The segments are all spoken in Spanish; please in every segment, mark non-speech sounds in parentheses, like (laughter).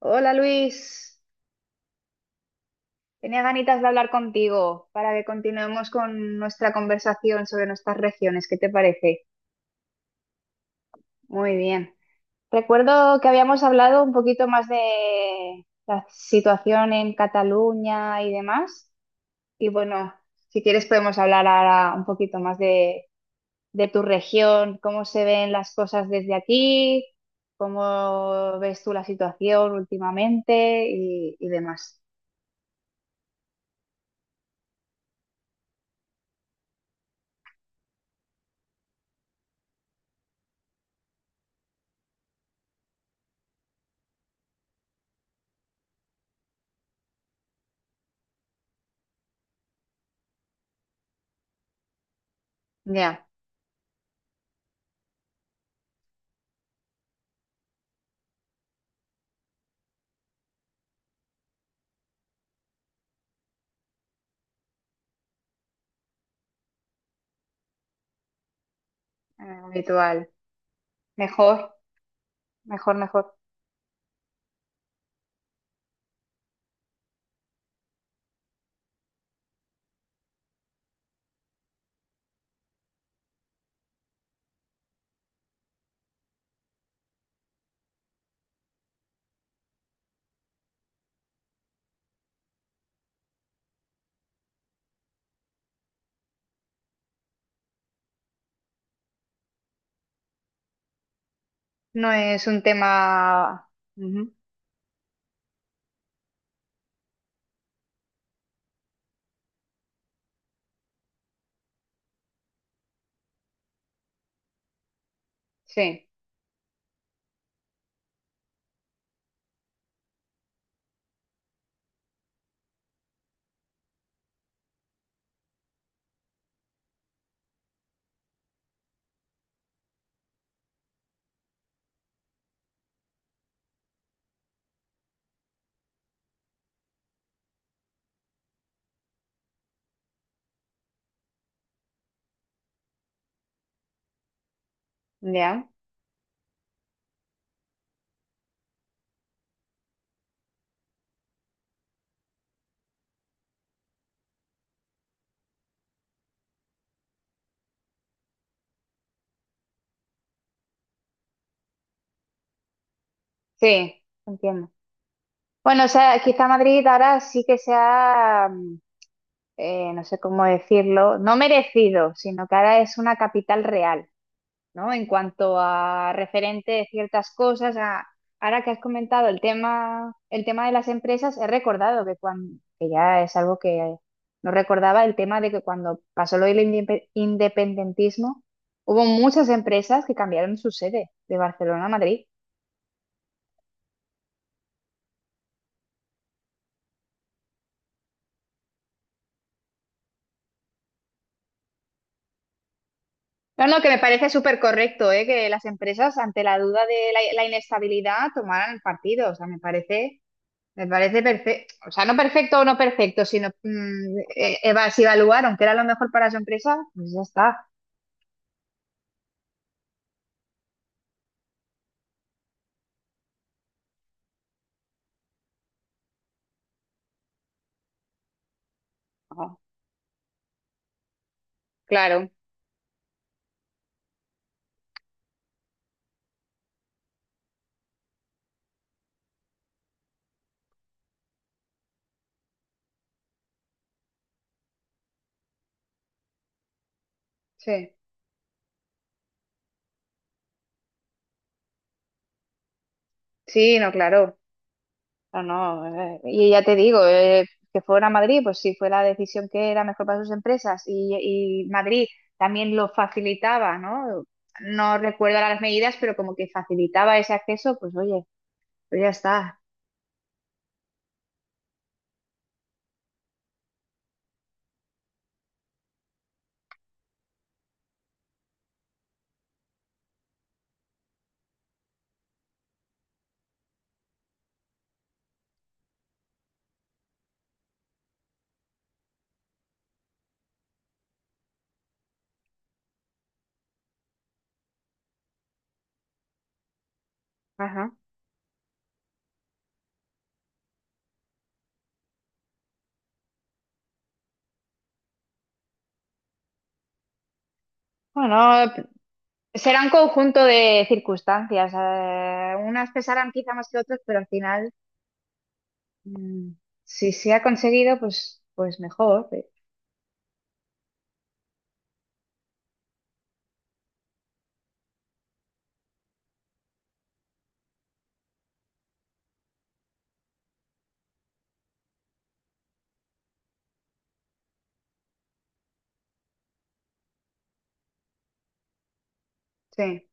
Hola Luis, tenía ganitas de hablar contigo para que continuemos con nuestra conversación sobre nuestras regiones. ¿Qué te parece? Muy bien. Recuerdo que habíamos hablado un poquito más de la situación en Cataluña y demás. Y bueno, si quieres podemos hablar ahora un poquito más de tu región, cómo se ven las cosas desde aquí, cómo ves tú la situación últimamente y demás. Ya, habitual. Mejor, mejor, mejor. No es un tema... Ujú. Sí, ya. Sí, entiendo. Bueno, o sea, quizá Madrid ahora sí que sea, no sé cómo decirlo, no merecido, sino que ahora es una capital real. ¿No? En cuanto a referente de ciertas cosas, ahora que has comentado el tema de las empresas, he recordado que cuando, que ya es algo que no recordaba, el tema de que cuando pasó lo del independentismo, hubo muchas empresas que cambiaron su sede de Barcelona a Madrid. No, no, que me parece súper correcto, ¿eh? Que las empresas, ante la duda de la inestabilidad, tomaran partido. O sea, me parece. Me parece perfecto, o sea, no perfecto o no perfecto, sino mm, si evaluaron que era lo mejor para su empresa, pues ya está. Ah, claro, sí, sí, no, claro, no, no, y ya te digo, que fuera a Madrid, pues si fue la decisión que era mejor para sus empresas y Madrid también lo facilitaba, ¿no? No recuerdo ahora las medidas, pero como que facilitaba ese acceso, pues oye, pues ya está. Ajá. Bueno, será un conjunto de circunstancias. Unas pesarán quizá más que otras, pero al final, mm, si se ha conseguido, pues, pues mejor. Eh, sí.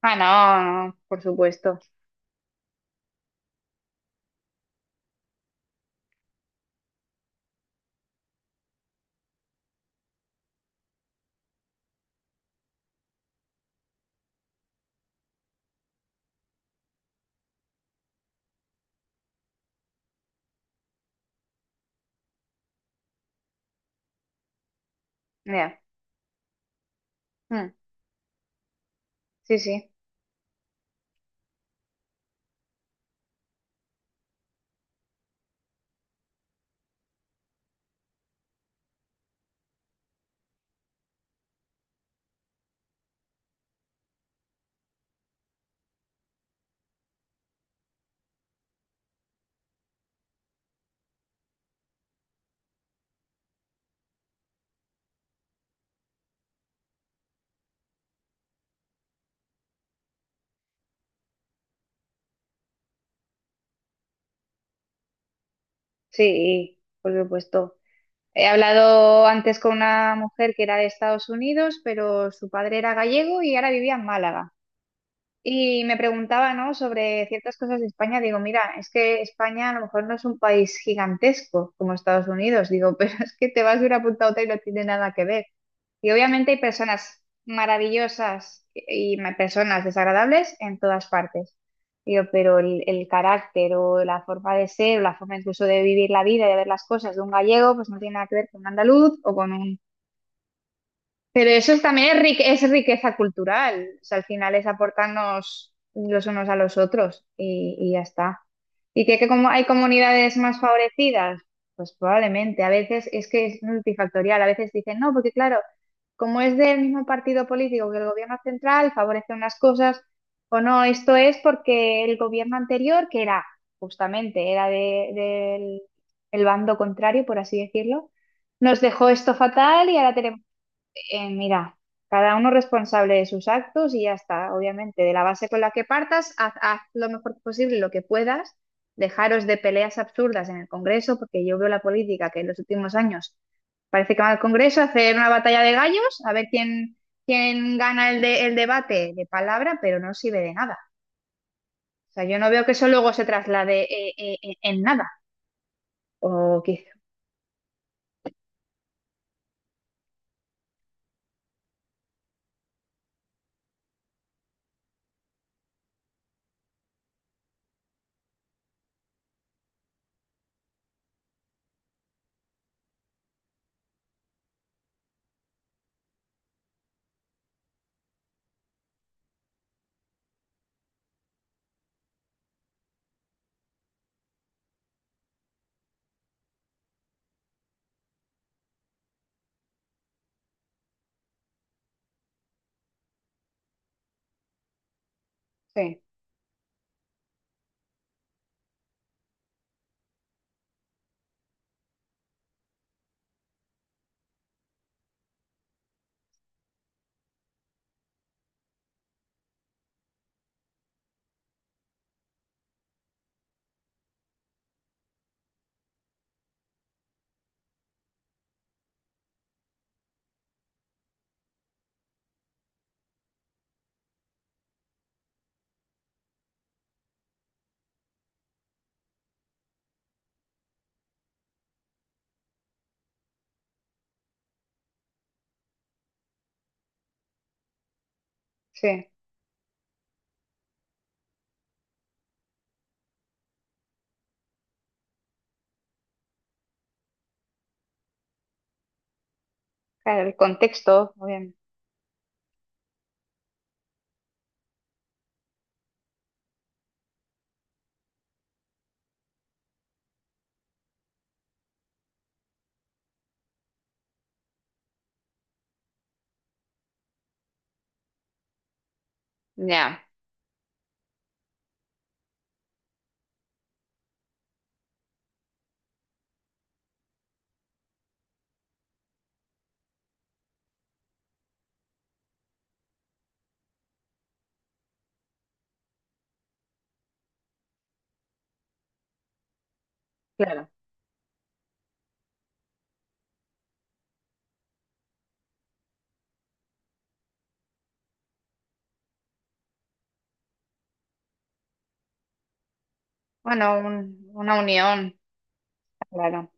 Ah, no, no, por supuesto. Ya. Mm, sí, sí, sí, por supuesto. He hablado antes con una mujer que era de Estados Unidos, pero su padre era gallego y ahora vivía en Málaga. Y me preguntaba, ¿no? Sobre ciertas cosas de España. Digo, mira, es que España a lo mejor no es un país gigantesco como Estados Unidos. Digo, (laughs) pero es que te vas de una punta a otra y no tiene nada que ver. Y obviamente hay personas maravillosas y personas desagradables en todas partes. Digo, pero el carácter o la forma de ser, o la forma incluso de vivir la vida, de ver las cosas de un gallego, pues no tiene nada que ver con un andaluz o con un. Pero eso es, también es, es riqueza cultural. O sea, al final es aportarnos los unos a los otros y ya está. ¿Y que como hay comunidades más favorecidas? Pues probablemente. A veces es que es multifactorial. A veces dicen, no, porque claro, como es del mismo partido político que el gobierno central, favorece unas cosas. O no, esto es porque el gobierno anterior, que era justamente, era del el bando contrario, por así decirlo, nos dejó esto fatal y ahora tenemos mira, cada uno responsable de sus actos y ya está, obviamente. De la base con la que partas, haz, haz lo mejor posible, lo que puedas. Dejaros de peleas absurdas en el Congreso, porque yo veo la política que en los últimos años parece que va al Congreso a hacer una batalla de gallos, a ver quién, quién gana el, el debate de palabra, pero no sirve de nada. O sea, yo no veo que eso luego se traslade en nada. O quiz-. Sí, sí. Claro, el contexto, obviamente. Ya, claro. Bueno, una unión, claro.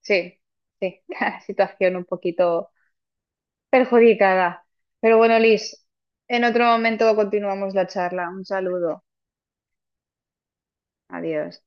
Sí, sí, (laughs) la situación un poquito perjudicada. Pero bueno, Liz, en otro momento continuamos la charla. Un saludo. Adiós.